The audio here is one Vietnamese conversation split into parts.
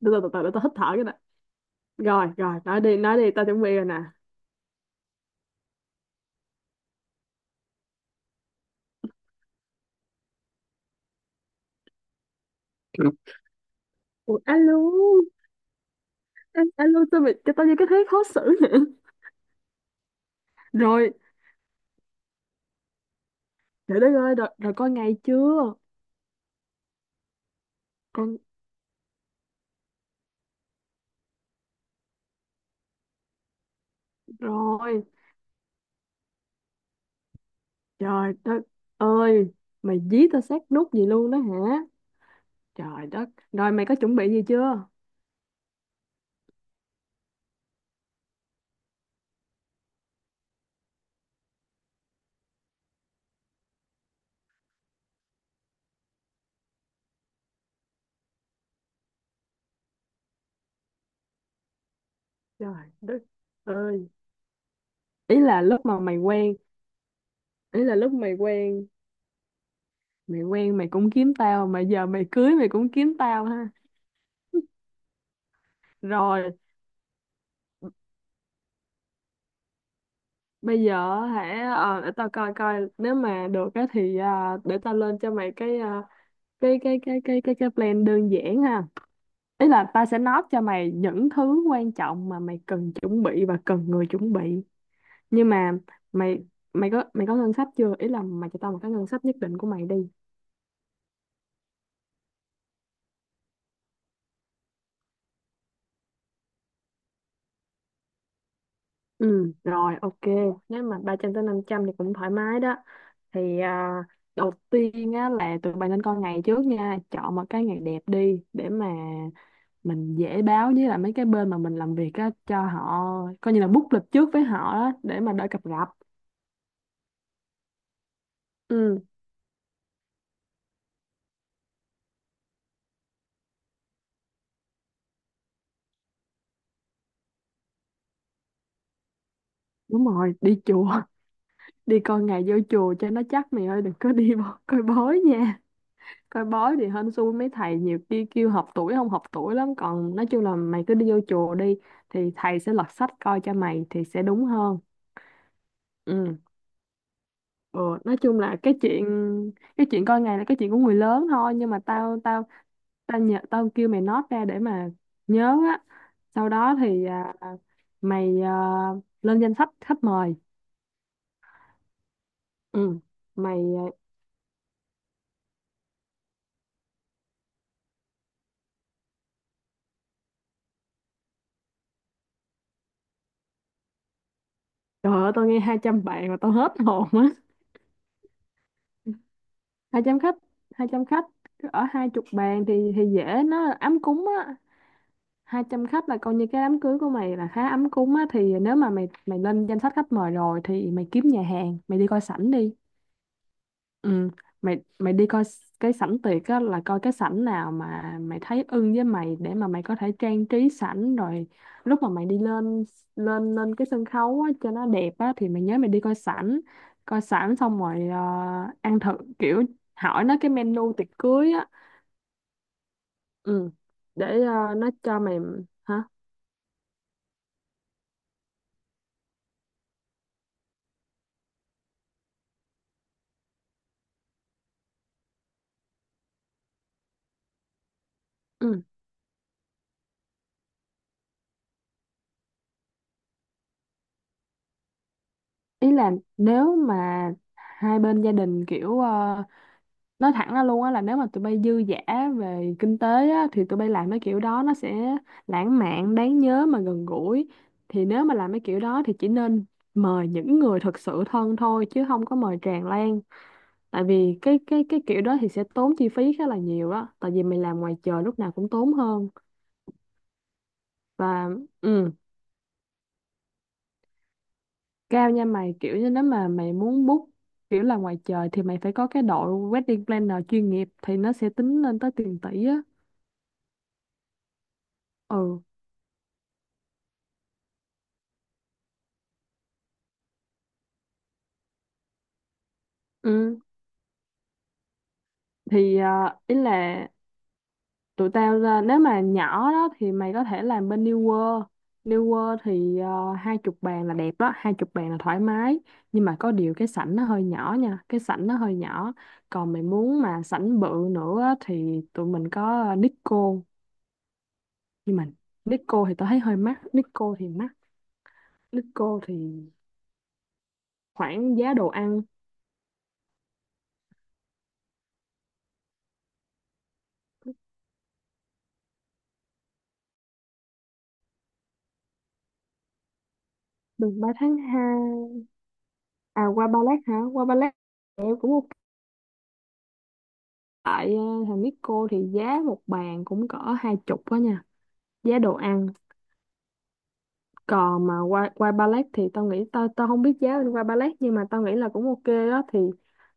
Từ từ từ từ, để tao hít thở cái nè. Rồi rồi, nói đi nói đi, tao chuẩn bị rồi nè. Ủa, alo. Alo sao mày cho tao như cái thế khó xử nè rồi, trời đất ơi. Rồi, rồi coi ngày chưa? Con. Rồi, trời đất ơi, mày dí tao sát nút gì luôn đó hả? Trời đất, rồi mày có chuẩn bị gì chưa? Trời đất ơi. Ý là lúc mà mày quen, ý là lúc mày quen, mày quen mày cũng kiếm tao, mà giờ mày cưới mày cũng kiếm tao ha. Rồi, bây giờ hả, ờ, để tao coi coi nếu mà được á thì à, để tao lên cho mày cái à, cái plan đơn giản ha. Ý là tao sẽ nói cho mày những thứ quan trọng mà mày cần chuẩn bị và cần người chuẩn bị, nhưng mà mày mày có ngân sách chưa, ý là mày cho tao một cái ngân sách nhất định của mày đi. Ừ rồi, ok. Nếu mà 300 tới 500 thì cũng thoải mái đó. Thì à, đầu tiên á là tụi mày nên coi ngày trước nha, chọn một cái ngày đẹp đi để mà mình dễ báo với lại mấy cái bên mà mình làm việc á cho họ, coi như là book lịch trước với họ á để mà đỡ cập rập. Ừ. Đúng rồi, đi chùa đi coi ngày vô chùa cho nó chắc mày ơi, đừng có đi coi bói nha. Coi bói thì hên xui, mấy thầy nhiều khi kêu hợp tuổi không hợp tuổi lắm, còn nói chung là mày cứ đi vô chùa đi, thì thầy sẽ lật sách coi cho mày thì sẽ đúng hơn. Ừ. Ừ nói chung là cái chuyện, cái chuyện coi ngày là cái chuyện của người lớn thôi, nhưng mà tao tao tao nhớ tao kêu mày note ra để mà nhớ á. Sau đó thì à, mày à, lên danh sách khách mời. Ừ, mày à, trời ơi tao nghe 200 bạn mà tao hết hồn á. Hai trăm khách, 200 khách ở 20 bàn thì dễ, nó là ấm cúng á. Hai trăm khách là coi như cái đám cưới của mày là khá ấm cúng á, thì nếu mà mày mày lên danh sách khách mời rồi thì mày kiếm nhà hàng, mày đi coi sảnh đi. Ừ, mày mày đi coi cái sảnh tiệc á, là coi cái sảnh nào mà mày thấy ưng với mày để mà mày có thể trang trí sảnh. Rồi lúc mà mày đi lên, lên cái sân khấu á, cho nó đẹp á thì mày nhớ mày đi coi sảnh. Coi sảnh xong rồi, ờ, ăn thử, kiểu hỏi nó cái menu tiệc cưới á. Ừ để ờ, nó cho mày. Hả? Ừ, ý là nếu mà hai bên gia đình kiểu ờ, nói thẳng ra luôn á, là nếu mà tụi bay dư dả về kinh tế á, thì tụi bay làm mấy kiểu đó nó sẽ lãng mạn, đáng nhớ mà gần gũi. Thì nếu mà làm mấy kiểu đó thì chỉ nên mời những người thực sự thân thôi, chứ không có mời tràn lan, tại vì cái kiểu đó thì sẽ tốn chi phí khá là nhiều á, tại vì mày làm ngoài trời lúc nào cũng tốn hơn. Và ừ, cao nha mày, kiểu như nếu mà mày muốn book kiểu là ngoài trời thì mày phải có cái đội wedding planner chuyên nghiệp, thì nó sẽ tính lên tới tiền tỷ á. Ừ. Ừ. Thì ờ, ý là tụi tao nếu mà nhỏ đó thì mày có thể làm bên New World. New World thì ờ, 20 bàn là đẹp đó, 20 bàn là thoải mái. Nhưng mà có điều cái sảnh nó hơi nhỏ nha, cái sảnh nó hơi nhỏ. Còn mày muốn mà sảnh bự nữa á, thì tụi mình có ờ, Nikko. Nhưng mà Nikko thì tao thấy hơi mắc, Nikko thì mắc. Nikko thì khoảng giá đồ ăn được ba tháng hai. À, qua ba lát hả? Qua ba lát em cũng ok. Tại ờ, thằng Mico thì giá một bàn cũng cỡ 20 đó nha, giá đồ ăn. Còn mà qua qua ballet thì tao nghĩ, tao tao không biết giá bên qua ballet, nhưng mà tao nghĩ là cũng ok đó. Thì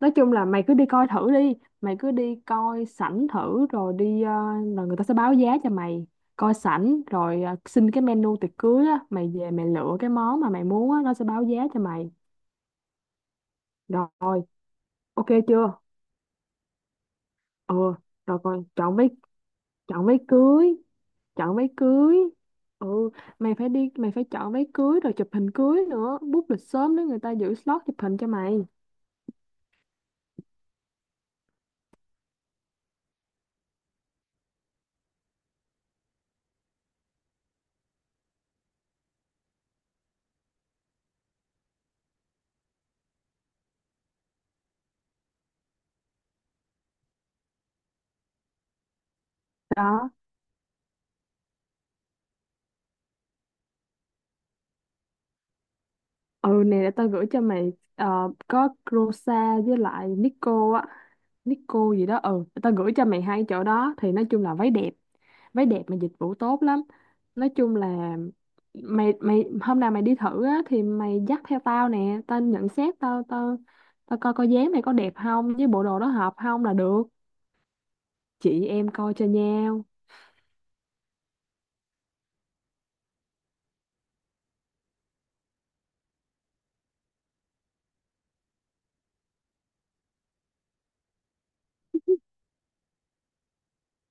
nói chung là mày cứ đi coi thử đi, mày cứ đi coi sảnh thử rồi đi ờ, rồi người ta sẽ báo giá cho mày. Coi sảnh rồi ờ, xin cái menu tiệc cưới á, mày về mày lựa cái món mà mày muốn á, nó sẽ báo giá cho mày. Rồi, ok chưa? Ừ. Rồi còn chọn váy, chọn váy cưới, chọn váy cưới. Ừ, mày phải đi, mày phải chọn váy cưới, rồi chụp hình cưới nữa, book lịch sớm để người ta giữ slot chụp hình cho mày. Đó. Ừ này, để tao gửi cho mày ờ, có Rosa với lại Nico á, Nico gì đó, ừ để tao gửi cho mày hai chỗ đó, thì nói chung là váy đẹp, váy đẹp mà dịch vụ tốt lắm. Nói chung là mày mày hôm nào mày đi thử á thì mày dắt theo tao nè, tao nhận xét, tao tao tao coi coi dáng mày có đẹp không, với bộ đồ đó hợp không là được. Chị em coi cho nhau.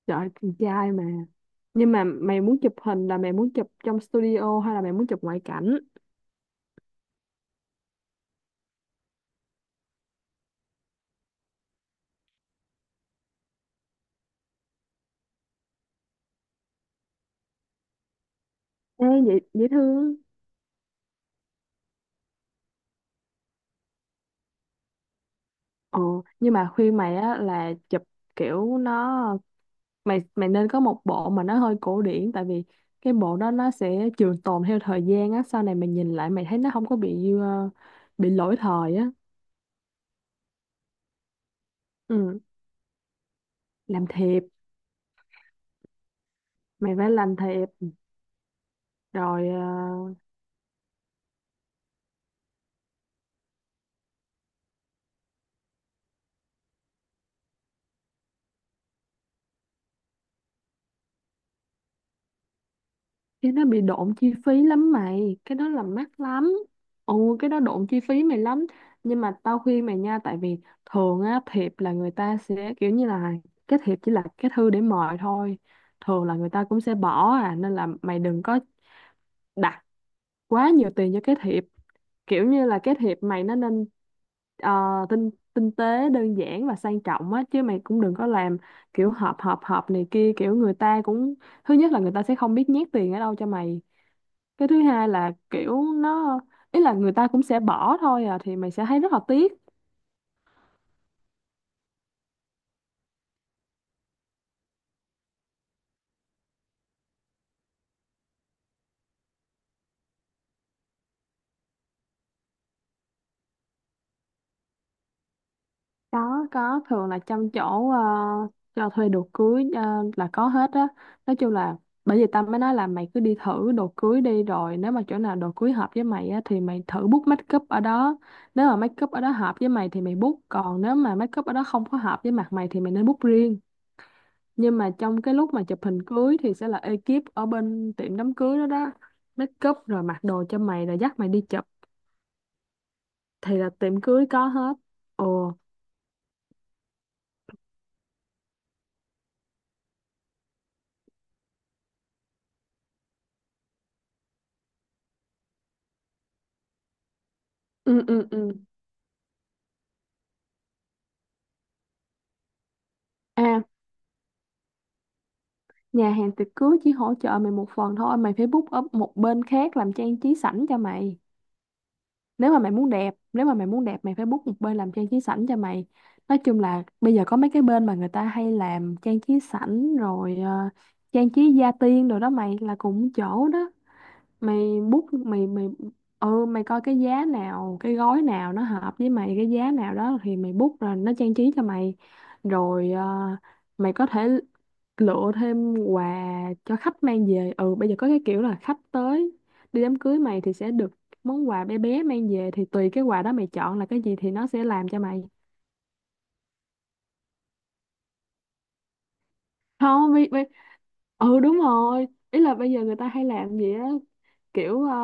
Trời, con trai mà. Nhưng mà mày muốn chụp hình là mày muốn chụp trong studio hay là mày muốn chụp ngoại cảnh? Ê, dễ dễ thương. Ồ, nhưng mà khuyên mày á là chụp kiểu nó, mày mày nên có một bộ mà nó hơi cổ điển, tại vì cái bộ đó nó sẽ trường tồn theo thời gian á, sau này mày nhìn lại mày thấy nó không có bị ờ, bị lỗi thời á. Ừ. Làm thiệp. Mày phải làm thiệp. Rồi ờ, cái nó bị độn chi phí lắm mày, cái đó là mắc lắm. Ồ cái đó độn chi phí mày lắm, nhưng mà tao khuyên mày nha, tại vì thường á thiệp là người ta sẽ kiểu như là, cái thiệp chỉ là cái thư để mời thôi, thường là người ta cũng sẽ bỏ à, nên là mày đừng có đặt quá nhiều tiền cho cái thiệp. Kiểu như là cái thiệp mày nó nên ờ, tinh tinh tế đơn giản và sang trọng á, chứ mày cũng đừng có làm kiểu họp họp họp này kia, kiểu người ta cũng, thứ nhất là người ta sẽ không biết nhét tiền ở đâu cho mày, cái thứ hai là kiểu nó, ý là người ta cũng sẽ bỏ thôi à, thì mày sẽ thấy rất là tiếc. Có, thường là trong chỗ ờ, cho thuê đồ cưới ờ, là có hết á. Nói chung là bởi vì tao mới nói là mày cứ đi thử đồ cưới đi, rồi nếu mà chỗ nào đồ cưới hợp với mày á thì mày thử book make up ở đó, nếu mà make up ở đó hợp với mày thì mày book, còn nếu mà make up ở đó không có hợp với mặt mày thì mày nên book riêng. Nhưng mà trong cái lúc mà chụp hình cưới thì sẽ là ekip ở bên tiệm đám cưới đó đó, make up rồi mặc đồ cho mày rồi dắt mày đi chụp, thì là tiệm cưới có hết. Ồ. Ừ ừ ừ. À. Nhà hàng tiệc cưới chỉ hỗ trợ mày một phần thôi, mày phải book ở một bên khác làm trang trí sẵn cho mày. Nếu mà mày muốn đẹp, nếu mà mày muốn đẹp mày phải book một bên làm trang trí sẵn cho mày. Nói chung là bây giờ có mấy cái bên mà người ta hay làm trang trí sẵn, rồi ờ, trang trí gia tiên rồi đó mày, là cùng chỗ đó. Mày bút mày mày. Ừ, mày coi cái giá nào cái gói nào nó hợp với mày, cái giá nào đó thì mày bút rồi nó trang trí cho mày. Rồi ờ, mày có thể lựa thêm quà cho khách mang về. Ừ, bây giờ có cái kiểu là khách tới đi đám cưới mày thì sẽ được món quà bé bé mang về, thì tùy cái quà đó mày chọn là cái gì thì nó sẽ làm cho mày. Không, bây, bây... ừ đúng rồi, ý là bây giờ người ta hay làm vậy á, kiểu ờ,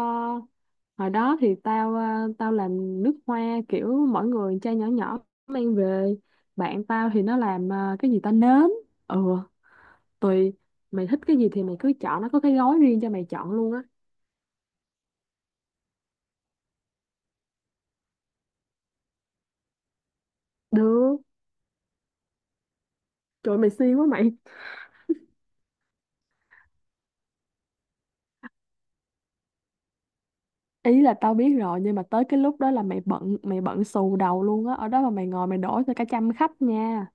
hồi đó thì tao ờ, tao làm nước hoa, kiểu mỗi người chai nhỏ nhỏ mang về. Bạn tao thì nó làm ờ, cái gì ta, nến. Ừ, tùy mày thích cái gì thì mày cứ chọn, nó có cái gói riêng cho mày chọn luôn á. Được. Trời ơi, mày siêng quá mày. Ý là tao biết rồi, nhưng mà tới cái lúc đó là mày bận, mày bận xù đầu luôn á, ở đó mà mày ngồi mày đổ cho cả trăm khách nha.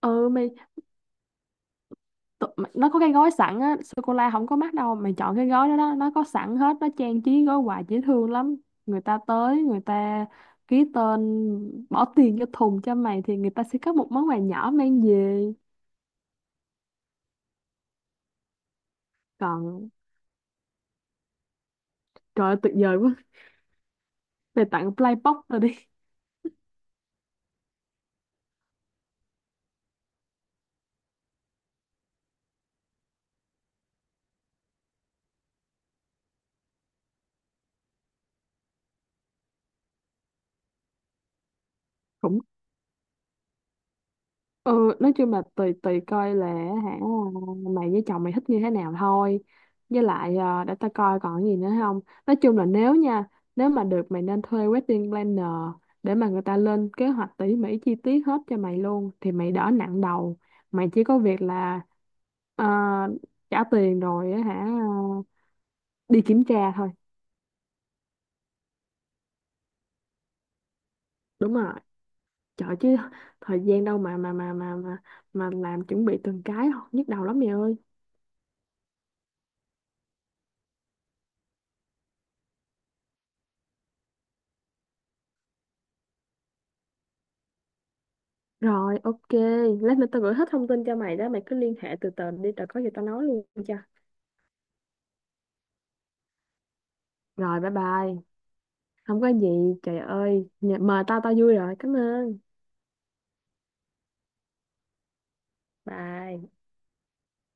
Ừ mày, nó có cái gói sẵn á, sô cô la không có mắc đâu mày, chọn cái gói đó đó nó có sẵn hết, nó trang trí gói quà dễ thương lắm. Người ta tới người ta ký tên bỏ tiền vô thùng cho mày, thì người ta sẽ có một món quà nhỏ mang về. Còn. Trời ơi, tuyệt vời quá, mày tặng Playbox rồi đi. Khủng. Ừ, nói chung là tùy tùy coi là, hả, mày với chồng mày thích như thế nào thôi. Với lại ờ, để tao coi còn cái gì nữa không. Nói chung là nếu nha, nếu mà được mày nên thuê wedding planner để mà người ta lên kế hoạch tỉ mỉ chi tiết hết cho mày luôn, thì mày đỡ nặng đầu. Mày chỉ có việc là ờ, trả tiền rồi á hả, ờ, đi kiểm tra thôi. Đúng rồi. Trời chứ, thời gian đâu mà làm chuẩn bị từng cái, nhức đầu lắm mày ơi. Rồi, ok. Lát nữa tao gửi hết thông tin cho mày đó. Mày cứ liên hệ từ từ đi. Rồi có gì tao nói luôn cho. Rồi, bye bye. Không có gì. Trời ơi, mời tao tao vui rồi. Cảm ơn. Bye.